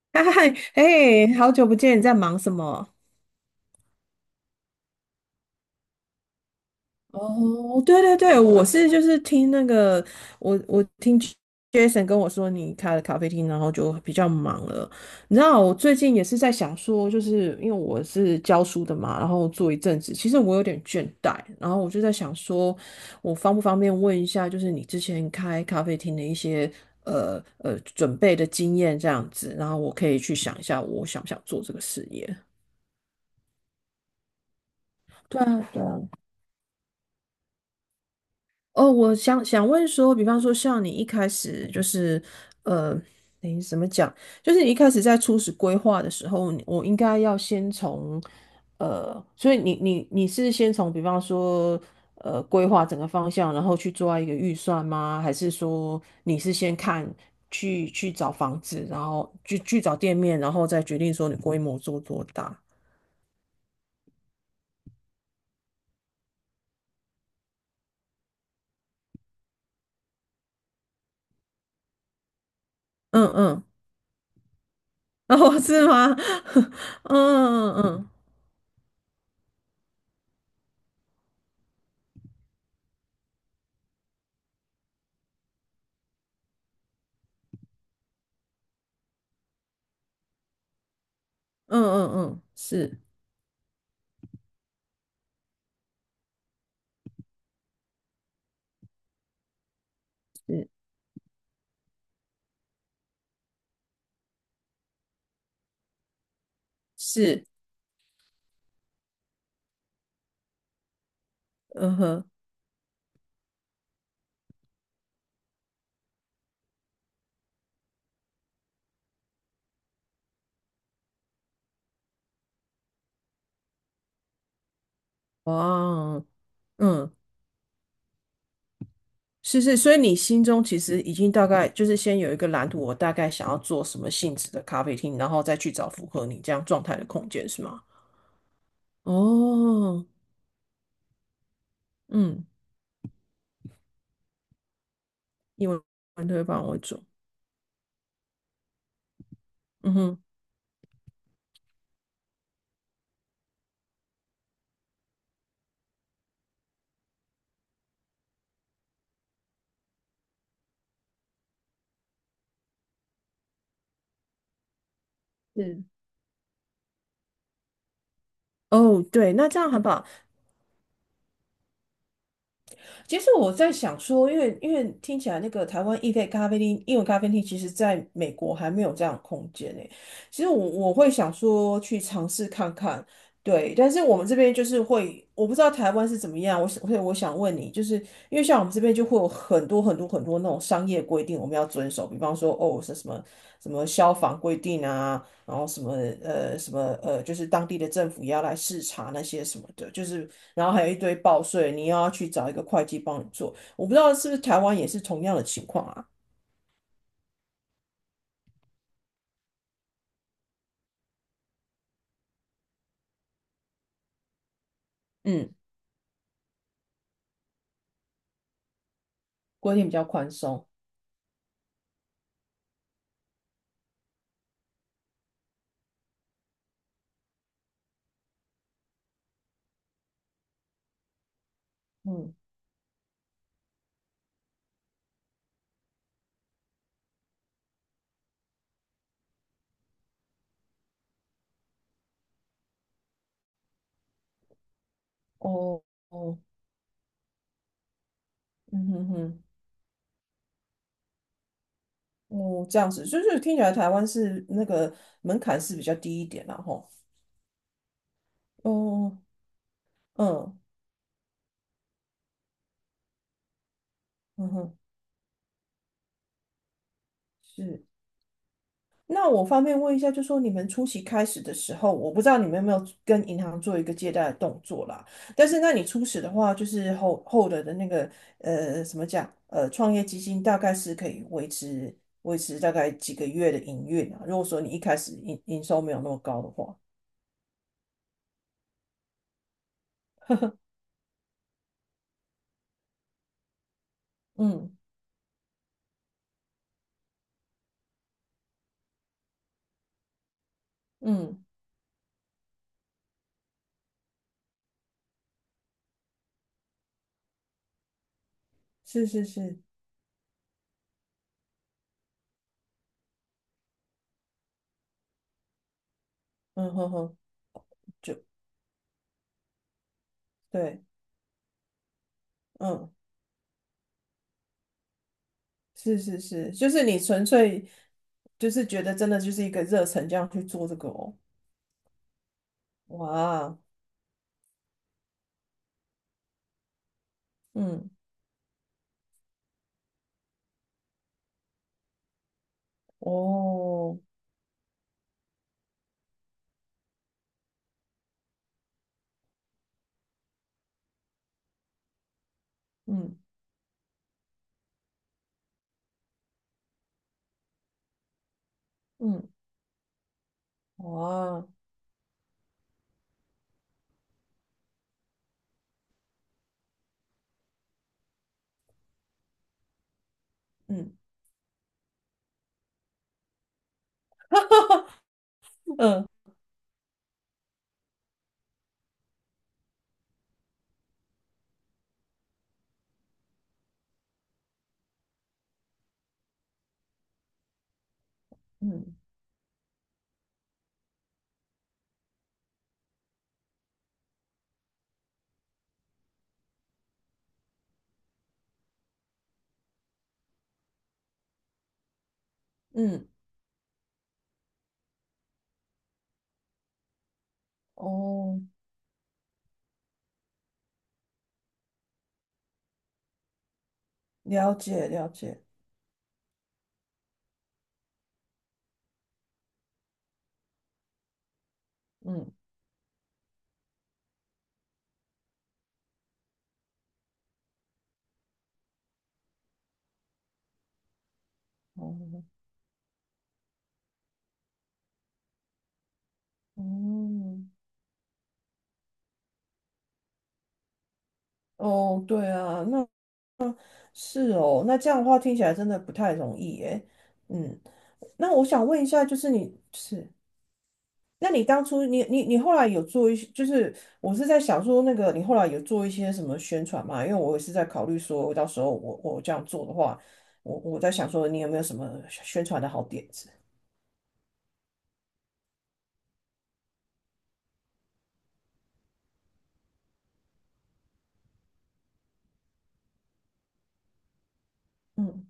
嗨，嗨哎，好久不见，你在忙什么？哦，对对对，我是就是听那个，我听 Jason 跟我说你开了咖啡厅，然后就比较忙了。你知道我最近也是在想说，就是因为我是教书的嘛，然后做一阵子，其实我有点倦怠，然后我就在想说，我方不方便问一下，就是你之前开咖啡厅的一些准备的经验这样子，然后我可以去想一下，我想不想做这个事业。对啊，哦，我想问说，比方说像你一开始就是，呃，你怎么讲？就是你一开始在初始规划的时候，你我应该要先从，所以你是先从比方说，规划整个方向，然后去做一个预算吗？还是说你是先看去找房子，然后去找店面，然后再决定说你规模做多大？嗯嗯，哦，是吗？嗯嗯嗯嗯，是。是是，嗯哼，哇，嗯，是是，所以你心中其实已经大概就是先有一个蓝图，我大概想要做什么性质的咖啡厅，然后再去找符合你这样状态的空间，是吗？哦，嗯，因为团队帮我做，嗯哼。是，哦，对，那这样很棒。其实我在想说，因为听起来那个台湾意式咖啡厅、英文咖啡厅，其实在美国还没有这样的空间呢。其实我会想说去尝试看看，对。但是我们这边就是会，我不知道台湾是怎么样。我想，所以我想问你，就是因为像我们这边就会有很多那种商业规定，我们要遵守，比方说哦，是什么什么消防规定啊，然后什么，就是当地的政府也要来视察那些什么的，就是然后还有一堆报税，你又要去找一个会计帮你做。我不知道是不是台湾也是同样的情况啊？嗯，规定比较宽松。嗯，哦哦，嗯哼哼，哦，这样子，就是听起来台湾是那个门槛是比较低一点然后哦，嗯嗯哼，是。那我方便问一下，就说你们初期开始的时候，我不知道你们有没有跟银行做一个借贷的动作啦。但是，那你初始的话，就是后的那个怎么讲？呃，创业基金大概是可以维持大概几个月的营运啊。如果说你一开始营收没有那么高的话，嗯嗯，是是是，嗯哼哼，就对，嗯，是是是，就是你纯粹就是觉得真的就是一个热忱这样去做这个哦，哇，嗯。哦，嗯嗯，哇，嗯嗯嗯嗯，哦，了解了解，嗯哦嗯哦，对啊，那是哦，那这样的话听起来真的不太容易耶，嗯，那我想问一下，就是你是。那你当初你后来有做一些，就是我是在想说那个你后来有做一些什么宣传嘛？因为我也是在考虑说，到时候我这样做的话，我在想说你有没有什么宣传的好点子？嗯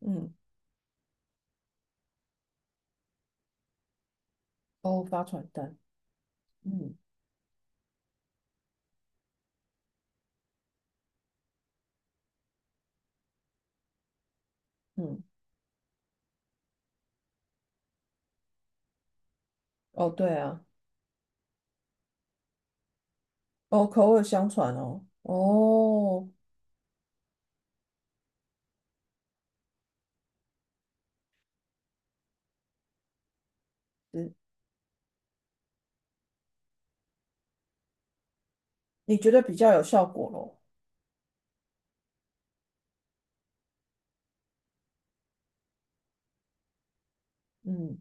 嗯，哦，发传单，嗯嗯，哦对啊，哦口耳相传哦，哦，嗯，你觉得比较有效果咯？嗯，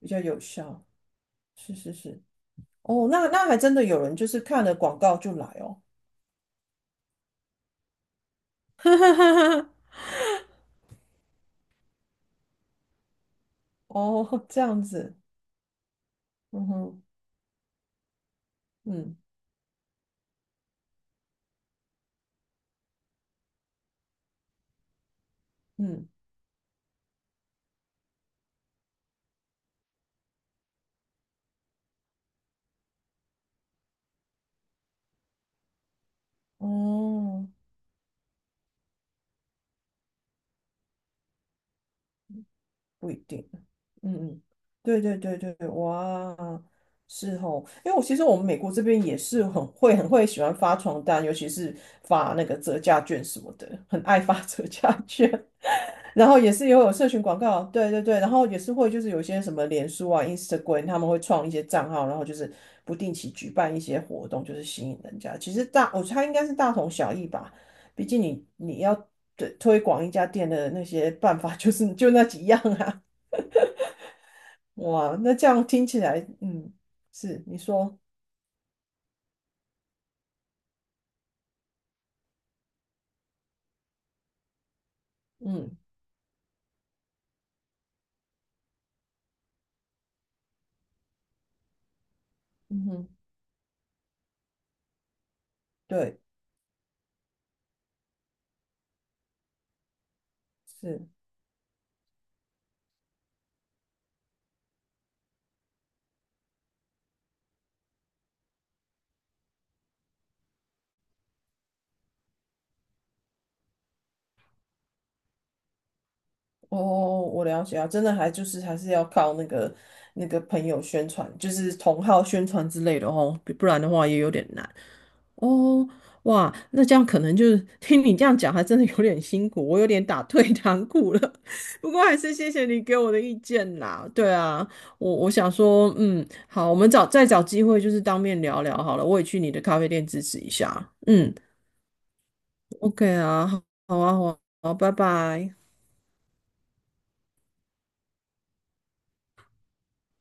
比较有效，是是是，哦，那那还真的有人就是看了广告就来哦。哦，这样子。嗯哼，嗯嗯，哦，不一定，嗯嗯，对对对对对，哇，是哦，因为我其实我们美国这边也是很会喜欢发传单，尤其是发那个折价券什么的，很爱发 折价券，然后也是也有社群广告，对对对，然后也是会就是有些什么脸书啊、Instagram，他们会创一些账号，然后就是不定期举办一些活动，就是吸引人家。其实大，我猜应该是大同小异吧。毕竟你要对推广一家店的那些办法 就是就那几样啊。哇，那这样听起来，嗯，是你说，嗯嗯哼，对，是哦，我了解啊，真的还就是还是要靠那个那个朋友宣传，就是同号宣传之类的哦，不然的话也有点难。哦，哇，那这样可能就是听你这样讲，还真的有点辛苦，我有点打退堂鼓了。不过还是谢谢你给我的意见啦。对啊，我想说，嗯，好，我们找再找机会就是当面聊聊好了。我也去你的咖啡店支持一下。嗯，OK 啊，好啊，好啊，好啊，拜拜。